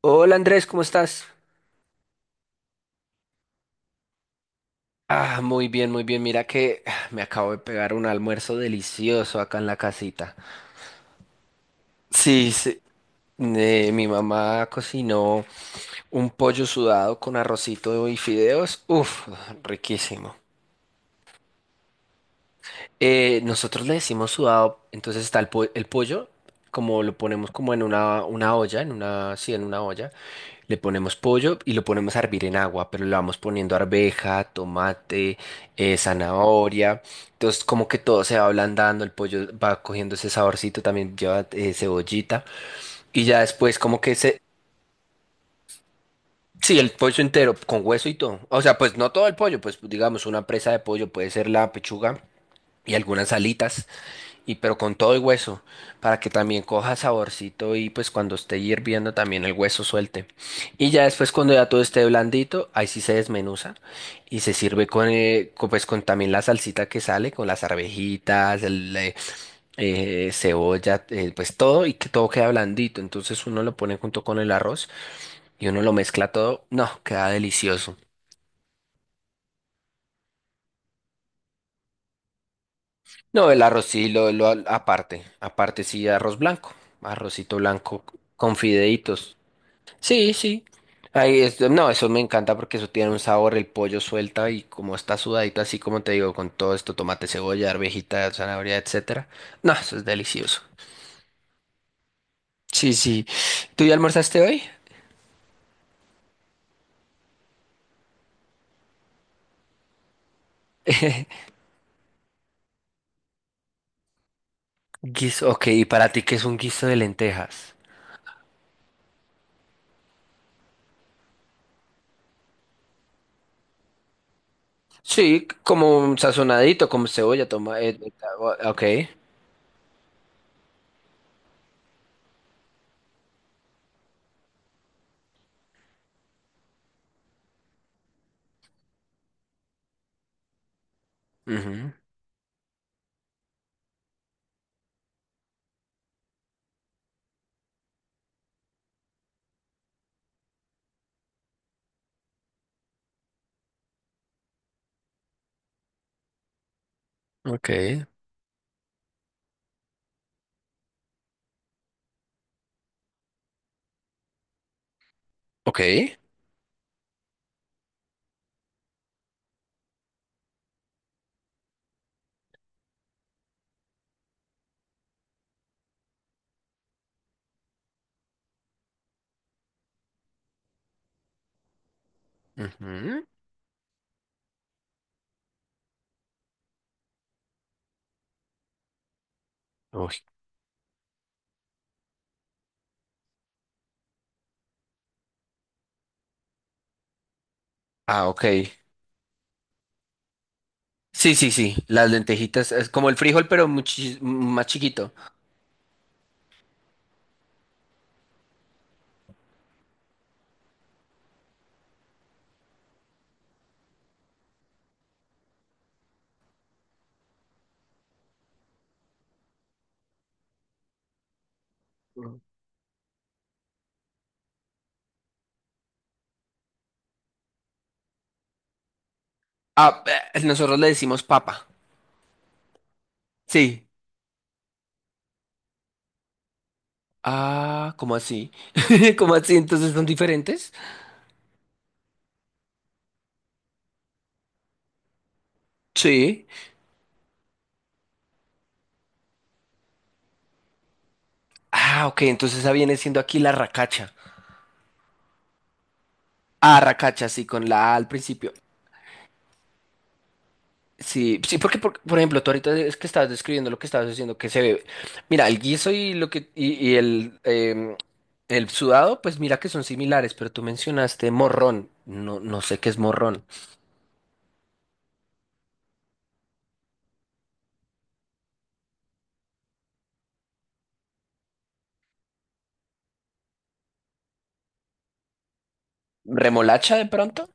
Hola Andrés, ¿cómo estás? Muy bien, muy bien. Mira que me acabo de pegar un almuerzo delicioso acá en la casita. Sí, sí. Mi mamá cocinó un pollo sudado con arrocito y fideos. Uf, riquísimo. Nosotros le decimos sudado, entonces está el pollo, como lo ponemos como en una olla, en una, sí, en una olla, le ponemos pollo y lo ponemos a hervir en agua, pero le vamos poniendo arveja, tomate, zanahoria, entonces como que todo se va ablandando, el pollo va cogiendo ese saborcito, también lleva cebollita y ya después como que se... Sí, el pollo entero, con hueso y todo. O sea, pues no todo el pollo, pues digamos una presa de pollo puede ser la pechuga y algunas alitas. Y pero con todo el hueso, para que también coja saborcito y pues cuando esté hirviendo también el hueso suelte. Y ya después cuando ya todo esté blandito, ahí sí se desmenuza y se sirve con, pues con también la salsita que sale, con las arvejitas, cebolla, pues todo y que todo queda blandito. Entonces uno lo pone junto con el arroz y uno lo mezcla todo. No, queda delicioso. No, el arroz sí lo aparte, aparte sí arroz blanco, arrocito blanco con fideitos. Sí, sí. Ahí es, no, eso me encanta porque eso tiene un sabor, el pollo suelta y como está sudadito, así como te digo, con todo esto, tomate, cebolla, arvejita, zanahoria, etcétera. No, eso es delicioso. Sí, sí. ¿Tú ya almorzaste hoy? Guiso, ok, ¿y para ti qué es un guiso de lentejas? Sí, como un sazonadito, como cebolla, ok. Ujú, ok, ok. Ujú. Uy, ah, ok. Sí, sí, sí. Las lentejitas es como el frijol, pero más chiquito. Ah, Nosotros le decimos papa. Sí. Ah, ¿cómo así? ¿Cómo así? Entonces son diferentes. Sí. Ah, ok, entonces esa viene siendo aquí la racacha. Ah, racacha, sí, con la A al principio. Sí, sí, porque por ejemplo, tú ahorita es que estabas describiendo lo que estabas diciendo, que se ve. Mira, el guiso y lo que y el el sudado, pues mira que son similares, pero tú mencionaste morrón. No, no sé qué es morrón. ¿Remolacha de pronto?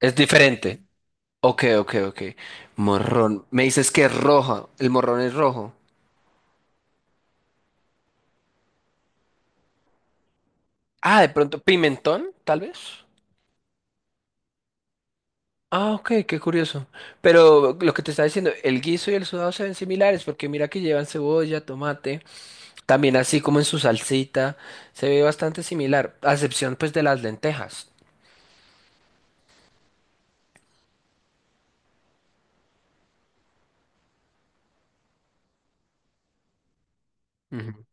Es diferente. Ok, ok, ok. Morrón. Me dices que es roja. El morrón es rojo. Ah, de pronto, pimentón, tal vez. Ah, ok, qué curioso. Pero lo que te estaba diciendo, el guiso y el sudado se ven similares porque mira que llevan cebolla, tomate, también así como en su salsita, se ve bastante similar, a excepción pues de las lentejas. Ujú.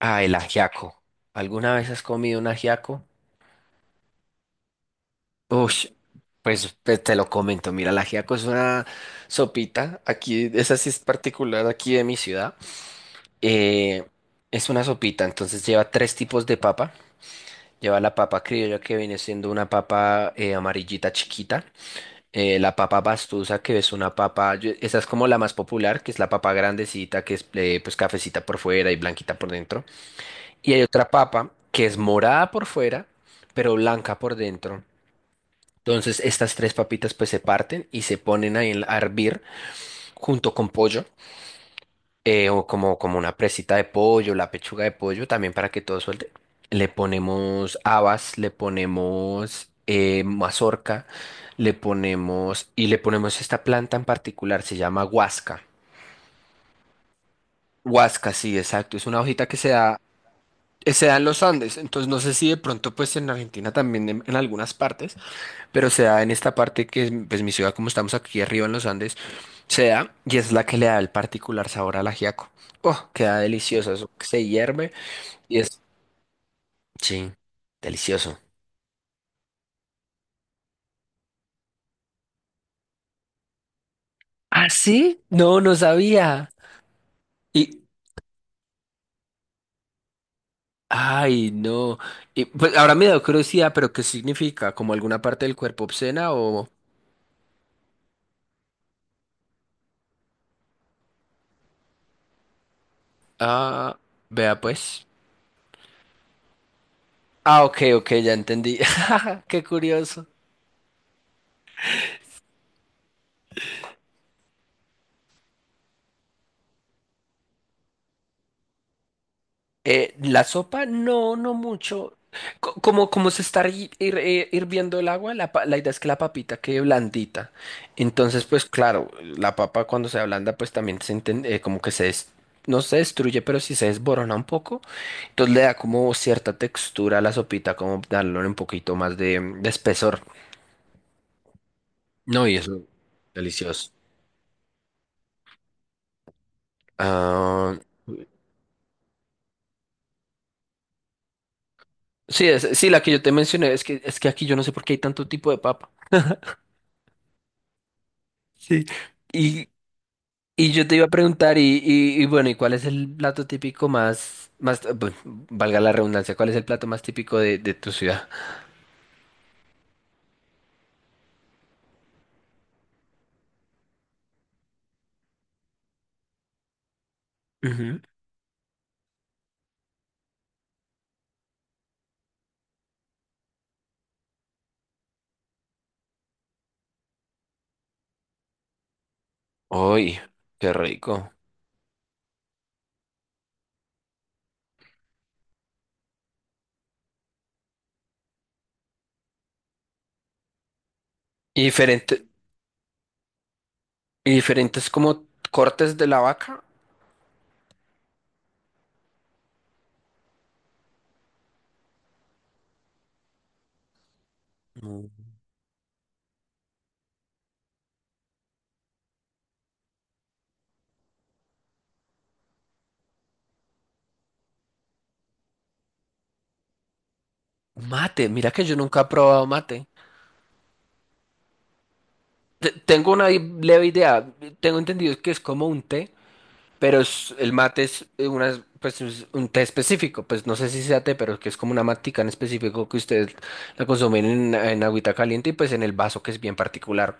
Ah, el ajiaco. ¿Alguna vez has comido un ajiaco? Ush, pues, pues, te lo comento, mira, el ajiaco es una sopita, aquí, esa sí es particular aquí de mi ciudad, eh, es una sopita, entonces lleva tres tipos de papa, lleva la papa criolla que viene siendo una papa amarillita chiquita, la papa pastusa que es una papa, esa es como la más popular, que es la papa grandecita, que es pues cafecita por fuera y blanquita por dentro, y hay otra papa que es morada por fuera, pero blanca por dentro. Entonces estas tres papitas pues se parten y se ponen ahí a hervir junto con pollo como una presita de pollo, la pechuga de pollo también para que todo suelte. Le ponemos habas, le ponemos mazorca, le ponemos esta planta en particular, se llama huasca. Huasca, sí, exacto. Es una hojita que se da en los Andes. Entonces no sé si de pronto pues en Argentina también en algunas partes pero se da en esta parte que es pues, mi ciudad, como estamos aquí arriba en los Andes, se da y es la que le da el particular sabor al ajiaco. Oh, queda delicioso, eso que se hierve y es... Sí, delicioso. ¿Ah, sí? No, no sabía. Y, ay, no. Y, pues ahora me da curiosidad, pero ¿qué significa? ¿Como alguna parte del cuerpo obscena o...? Ah, vea pues. Ah, ok, ok, ya entendí. Qué curioso. La sopa, no, no mucho. Como, como se está hirviendo el agua, la idea es que la papita quede blandita. Entonces, pues claro, la papa cuando se ablanda, pues también como que no se destruye, pero sí se desborona un poco. Entonces le da como cierta textura a la sopita, como darle un poquito más de espesor. No, y eso, delicioso. Ah, sí, sí, la que yo te mencioné, es que aquí yo no sé por qué hay tanto tipo de papa. Sí. y Y yo te iba a preguntar, y bueno, ¿y cuál es el plato típico bueno, valga la redundancia, cuál es el plato más típico de tu ciudad? Ujú. Uy, qué rico. ¿Y diferente, y diferentes como cortes de la vaca? No. Mate, mira que yo nunca he probado mate. Tengo una leve idea, tengo entendido que es como un té, pero el mate es una, pues, es un té específico, pues no sé si sea té, pero que es como una matica en específico que ustedes la consumen en agüita caliente y pues en el vaso que es bien particular.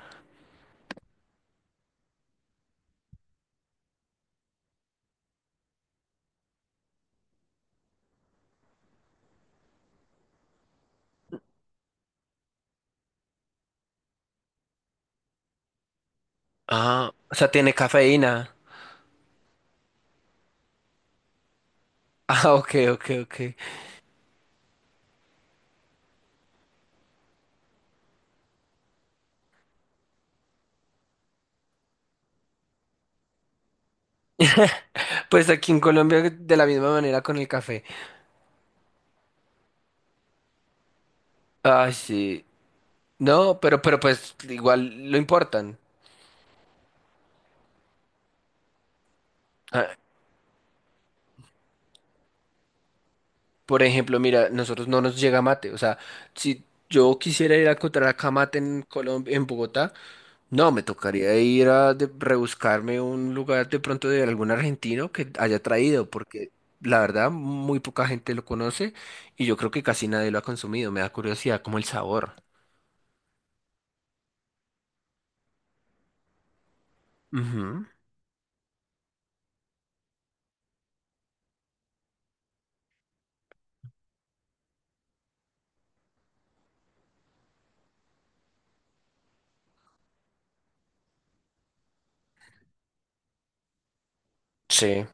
Ah, o sea, tiene cafeína. Ah, ok, ok, ok. Pues aquí en Colombia de la misma manera con el café. Ah, sí. No, pero pues igual lo importan. Ah, por ejemplo, mira, nosotros no nos llega mate. O sea, si yo quisiera ir a encontrar acá mate en Colombia, en Bogotá, no, me tocaría ir a rebuscarme un lugar de pronto de algún argentino que haya traído, porque la verdad muy poca gente lo conoce y yo creo que casi nadie lo ha consumido. Me da curiosidad como el sabor. Ujú, sí.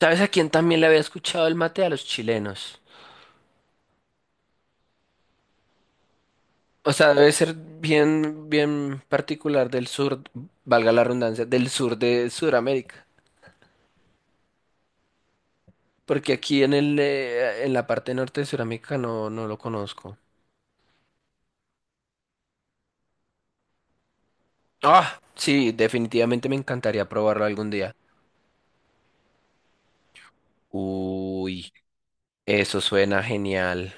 ¿Sabes a quién también le había escuchado el mate? A los chilenos. O sea, debe ser bien, bien particular del sur, valga la redundancia, del sur de Sudamérica. Porque aquí en el, en la parte norte de Sudamérica no, no lo conozco. Ah, sí, definitivamente me encantaría probarlo algún día. Uy, eso suena genial.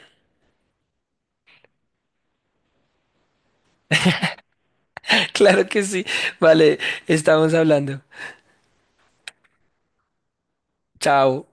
Claro que sí. Vale, estamos hablando. Chao.